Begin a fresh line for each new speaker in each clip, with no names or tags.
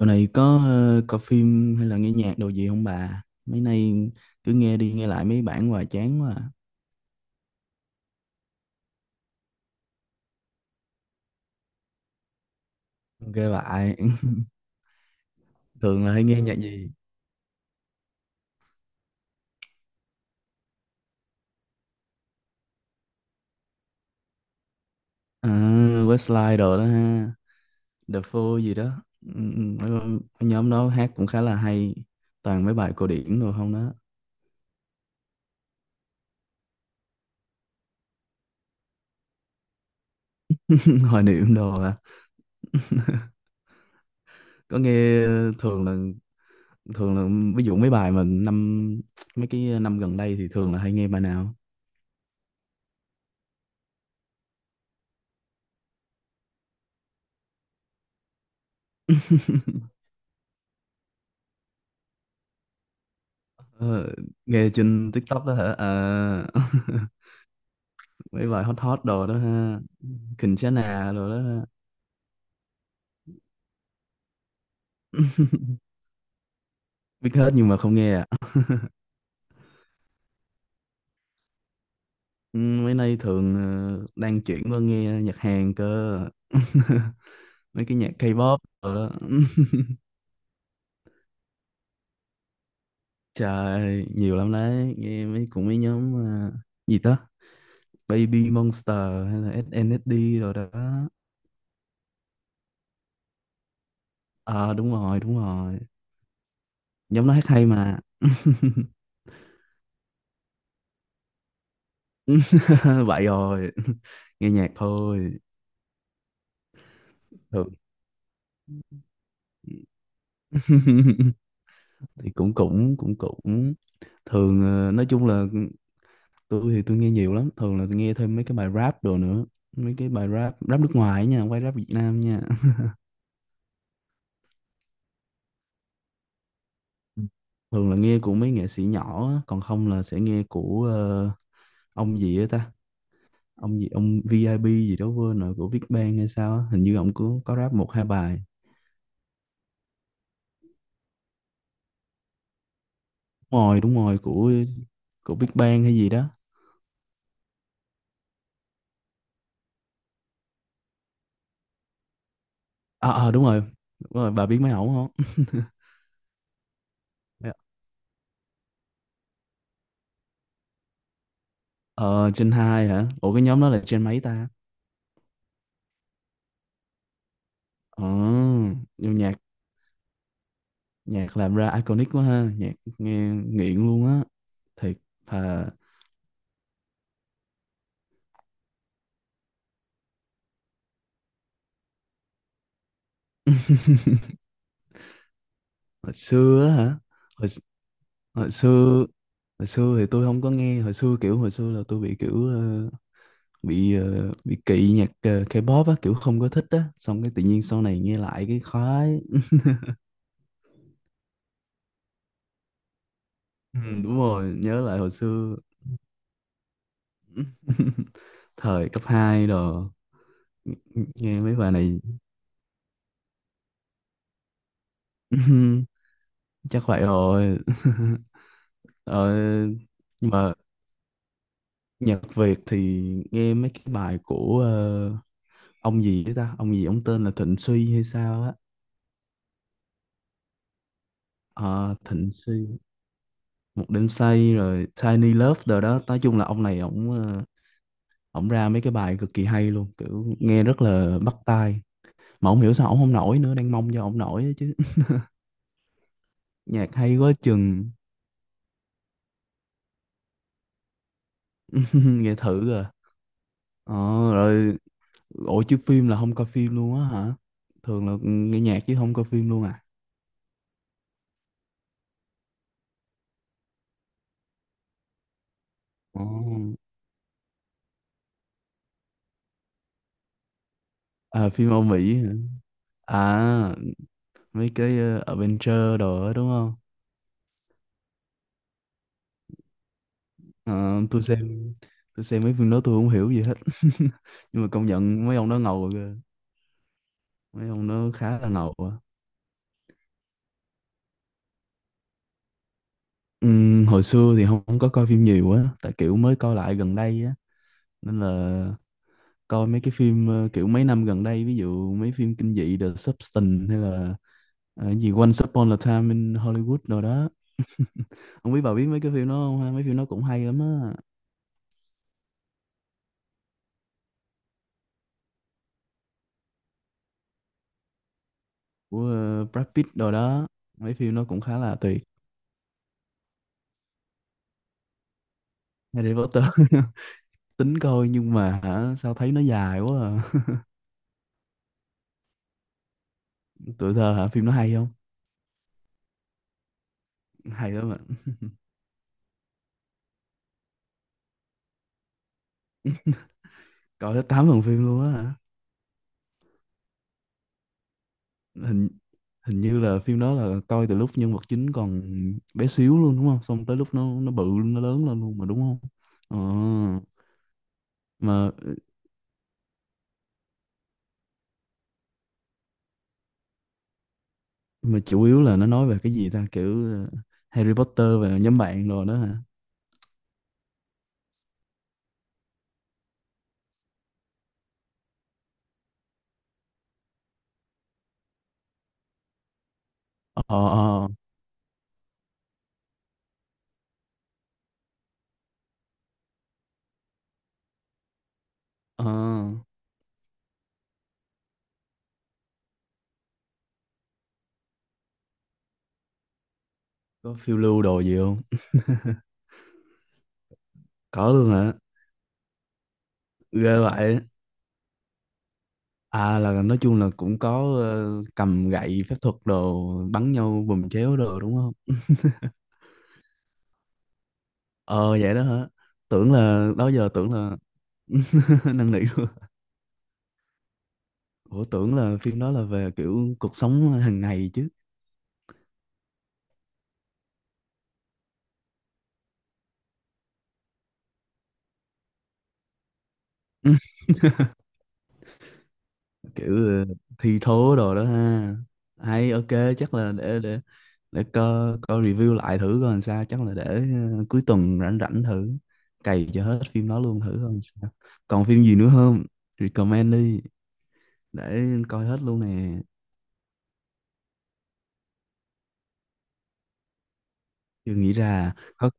Dạo này có coi phim hay là nghe nhạc đồ gì không bà? Mấy nay cứ nghe đi nghe lại mấy bản hoài chán quá à. Ghê vậy. Thường là hay nghe nhạc gì? À, Westlife đồ đó ha. The Four gì đó. Ừ, ừ, Mấy nhóm đó hát cũng khá là hay. Toàn mấy bài cổ điển đồ không đó. Hoài niệm đồ à. Có nghe thường là ví dụ mấy bài mà năm mấy cái năm gần đây thì thường là hay nghe bài nào? Ờ, nghe trên TikTok đó hả? À, mấy bài hot hot đồ đó ha. Khỉnh Chá Nà đồ đó ha. Biết hết nhưng mà không nghe à. Ừ, mấy nay thường đang chuyển qua nghe nhạc Hàn cơ. Mấy cái nhạc K-pop đồ đó. Trời, nhiều lắm đấy. Nghe mấy cũng mấy nhóm à, gì đó? Baby Monster hay là SNSD rồi đó. Ờ đúng rồi, đúng rồi. Nhóm nó hát hay mà. Vậy rồi, nghe nhạc thôi thường. Thì cũng cũng cũng cũng thường, nói chung là tôi thì tôi nghe nhiều lắm, thường là tôi nghe thêm mấy cái bài rap đồ nữa, mấy cái bài rap rap nước ngoài ấy nha, không phải rap Việt Nam nha. Ừ, thường là nghe của mấy nghệ sĩ nhỏ á, còn không là sẽ nghe của ông gì á ta, ông gì ông VIP gì đó quên rồi, của Big Bang hay sao á, hình như ông có rap một hai bài. Đúng rồi đúng rồi, của Big Bang hay gì đó. Ờ à, đúng rồi đúng rồi, bà biết mấy ổng không? Ờ trên 2 hả, ủa cái nhóm đó là trên mấy ta? Ờ nhưng nhạc, nhạc làm ra iconic quá ha, nhạc nghe nghiện luôn á, thiệt. Thà hồi xưa á hả, hồi, hồi xưa, hồi xưa thì tôi không có nghe, hồi xưa kiểu hồi xưa là tôi bị kiểu bị kỵ nhạc K-pop á, kiểu không có thích á, xong cái tự nhiên sau này nghe lại cái khoái. Ừ, đúng rồi, nhớ lại hồi xưa. Thời cấp 2 rồi, nghe mấy bài này. Chắc vậy rồi. Ờ, nhưng mà nhạc Việt thì nghe mấy cái bài của ông gì đấy ta, ông gì ông tên là Thịnh Suy hay sao á. Ờ, Thịnh Suy, một đêm say rồi Tiny Love rồi đó, nói chung là ông này ổng ổng ra mấy cái bài cực kỳ hay luôn, kiểu nghe rất là bắt tai. Mà không hiểu sao ổng không nổi nữa, đang mong cho ổng nổi đó chứ. Nhạc hay quá chừng. Nghe thử rồi ờ rồi. Ủa chứ phim là không coi phim luôn á hả, thường là nghe nhạc chứ không coi phim luôn à? Ồ. À phim Âu Mỹ hả, à mấy cái Adventure đồ đó đúng không? Ờ, tôi xem tôi xem mấy phim đó tôi không hiểu gì hết. Nhưng mà công nhận mấy ông đó ngầu kìa, mấy ông đó khá là ngầu á. Hồi xưa thì không, không có coi phim nhiều á, tại kiểu mới coi lại gần đây á, nên là coi mấy cái phim kiểu mấy năm gần đây, ví dụ mấy phim kinh dị The Substance, hay là cái gì Once Upon a Time in Hollywood rồi đó, không biết bà biết mấy cái phim đó không ha, mấy phim nó cũng hay lắm á. Của Brad Pitt rồi đó, mấy phim nó cũng khá là tuyệt. Harry Potter, tính coi nhưng mà hả sao thấy nó dài quá à. Tuổi thơ hả, phim nó hay không? Hay lắm ạ. Coi hết 8 phần phim luôn á? Hình Hình như là phim đó là coi từ lúc nhân vật chính còn bé xíu luôn đúng không, xong tới lúc nó bự nó lớn lên luôn mà đúng không? Ờ. mà mà chủ yếu là nó nói về cái gì ta, kiểu ờ, Harry Potter và nhóm bạn rồi đó hả? Ờ ờ. Ờ ờ, có phiêu lưu đồ gì không? Có luôn hả? Ghê vậy. À là nói chung là cũng có cầm gậy phép thuật đồ, bắn nhau bùm chéo đồ đúng không? Ờ vậy đó hả, tưởng là đó giờ tưởng là. Năn nỉ. Ủa tưởng là phim đó là về kiểu cuộc sống hàng ngày chứ. Kiểu thi thố đồ đó ha, hay ok. Chắc là để để coi coi review lại thử coi làm sao, chắc là để cuối tuần rảnh rảnh thử cày cho hết phim đó luôn thử coi làm sao. Còn phim gì nữa không, recommend đi, để coi hết luôn nè. Chưa nghĩ ra có.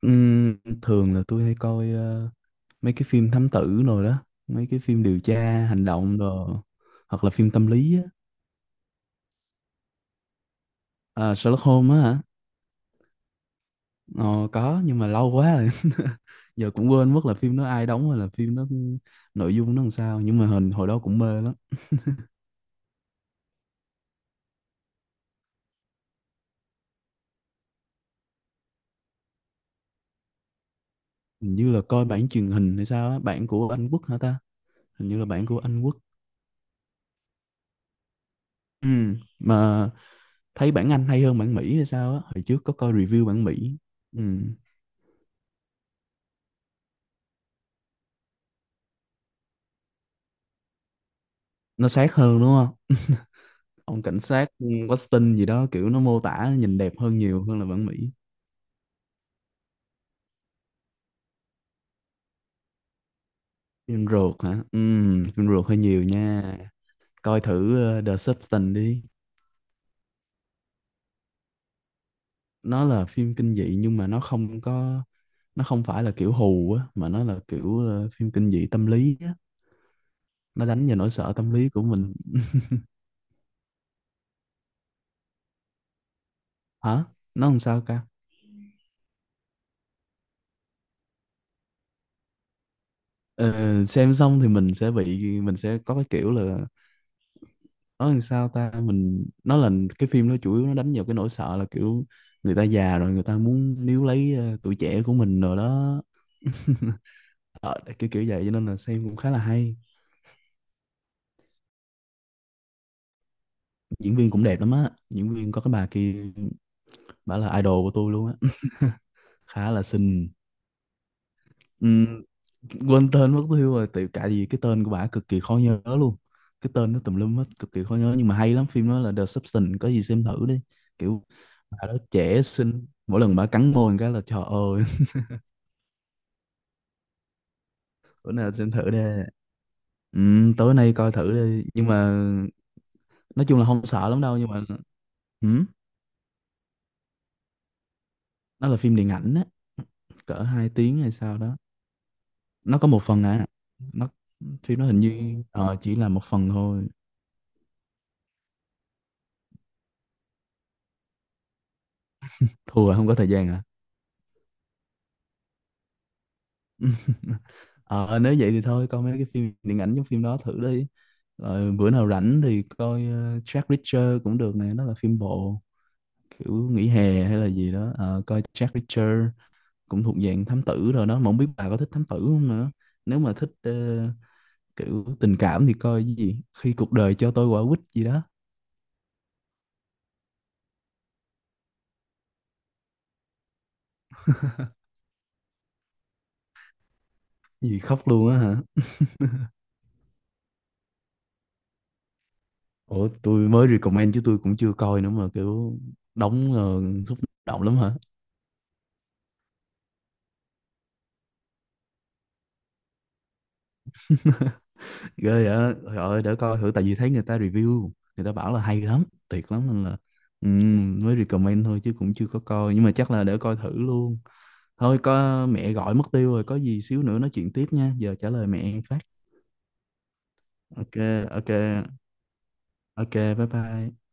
Ừm, thường là tôi hay coi mấy cái phim thám tử rồi đó, mấy cái phim điều tra hành động rồi, hoặc là phim tâm lý á. Ờ, Sherlock Holmes á hả? Ờ, có nhưng mà lâu quá rồi. Giờ cũng quên mất là phim nó ai đóng hay là phim nó nội dung nó làm sao, nhưng mà hình hồi đó cũng mê lắm. Hình như là coi bản truyền hình hay sao á, bản của Anh Quốc hả ta? Hình như là bản của Anh Quốc. Ừ, mà thấy bản Anh hay hơn bản Mỹ hay sao á? Hồi trước có coi review bản Mỹ. Ừ, nó sát hơn đúng không? Ông cảnh sát Weston gì đó kiểu nó mô tả nhìn đẹp hơn nhiều hơn là bản Mỹ. Phim ruột hả? Ừ, phim ruột hơi nhiều nha. Coi thử The Substance đi. Nó là phim kinh dị nhưng mà nó không có, nó không phải là kiểu hù á, mà nó là kiểu phim kinh dị tâm lý á, nó đánh vào nỗi sợ tâm lý của mình. Hả nó làm sao ca? Ờ, xem xong thì mình sẽ bị, mình sẽ có cái kiểu là, nó làm sao ta, mình nó là, cái phim nó chủ yếu nó đánh vào cái nỗi sợ là kiểu người ta già rồi người ta muốn níu lấy tuổi trẻ của mình rồi đó. Ờ, kiểu kiểu vậy cho nên là xem cũng khá là hay. Diễn viên cũng đẹp lắm á, diễn viên có cái bà kia, bả là idol của tôi luôn á, khá là xinh. Ừm, quên tên mất tiêu rồi, tại tại vì cái tên của bả cực kỳ khó nhớ luôn, cái tên nó tùm lum hết, cực kỳ khó nhớ, nhưng mà hay lắm, phim đó là The Substance, có gì xem thử đi. Kiểu bà đó trẻ xinh, mỗi lần bà cắn môi một cái là trời ơi. Bữa nào xem thử đi. Tối nay coi thử đi nhưng mà, nói chung là không sợ lắm đâu nhưng mà, ừm, nó là phim điện ảnh á, cỡ 2 tiếng hay sao đó. Nó có một phần à, nó phim nó hình như chỉ là một phần thôi. Thua hả? Không có thời gian à. Ờ nếu vậy thì thôi coi mấy cái phim điện ảnh giống phim đó thử đi, rồi bữa nào rảnh thì coi Jack Reacher cũng được nè, nó là phim bộ kiểu nghỉ hè hay là gì đó. Ờ, coi Jack Reacher cũng thuộc dạng thám tử rồi đó, mà không biết bà có thích thám tử không nữa. Nếu mà thích kiểu tình cảm thì coi cái gì khi cuộc đời cho tôi quả quýt gì đó. Gì khóc luôn á hả? Ủa tôi mới recommend chứ tôi cũng chưa coi nữa mà, kiểu đóng xúc động lắm hả? Ghê vậy, trời ơi, để coi thử, tại vì thấy người ta review, người ta bảo là hay lắm, tuyệt lắm, nên là mới recommend thôi chứ cũng chưa có coi, nhưng mà chắc là để coi thử luôn. Thôi có mẹ gọi mất tiêu rồi, có gì xíu nữa nói chuyện tiếp nha, giờ trả lời mẹ phát. Ok, ok, ok, bye bye.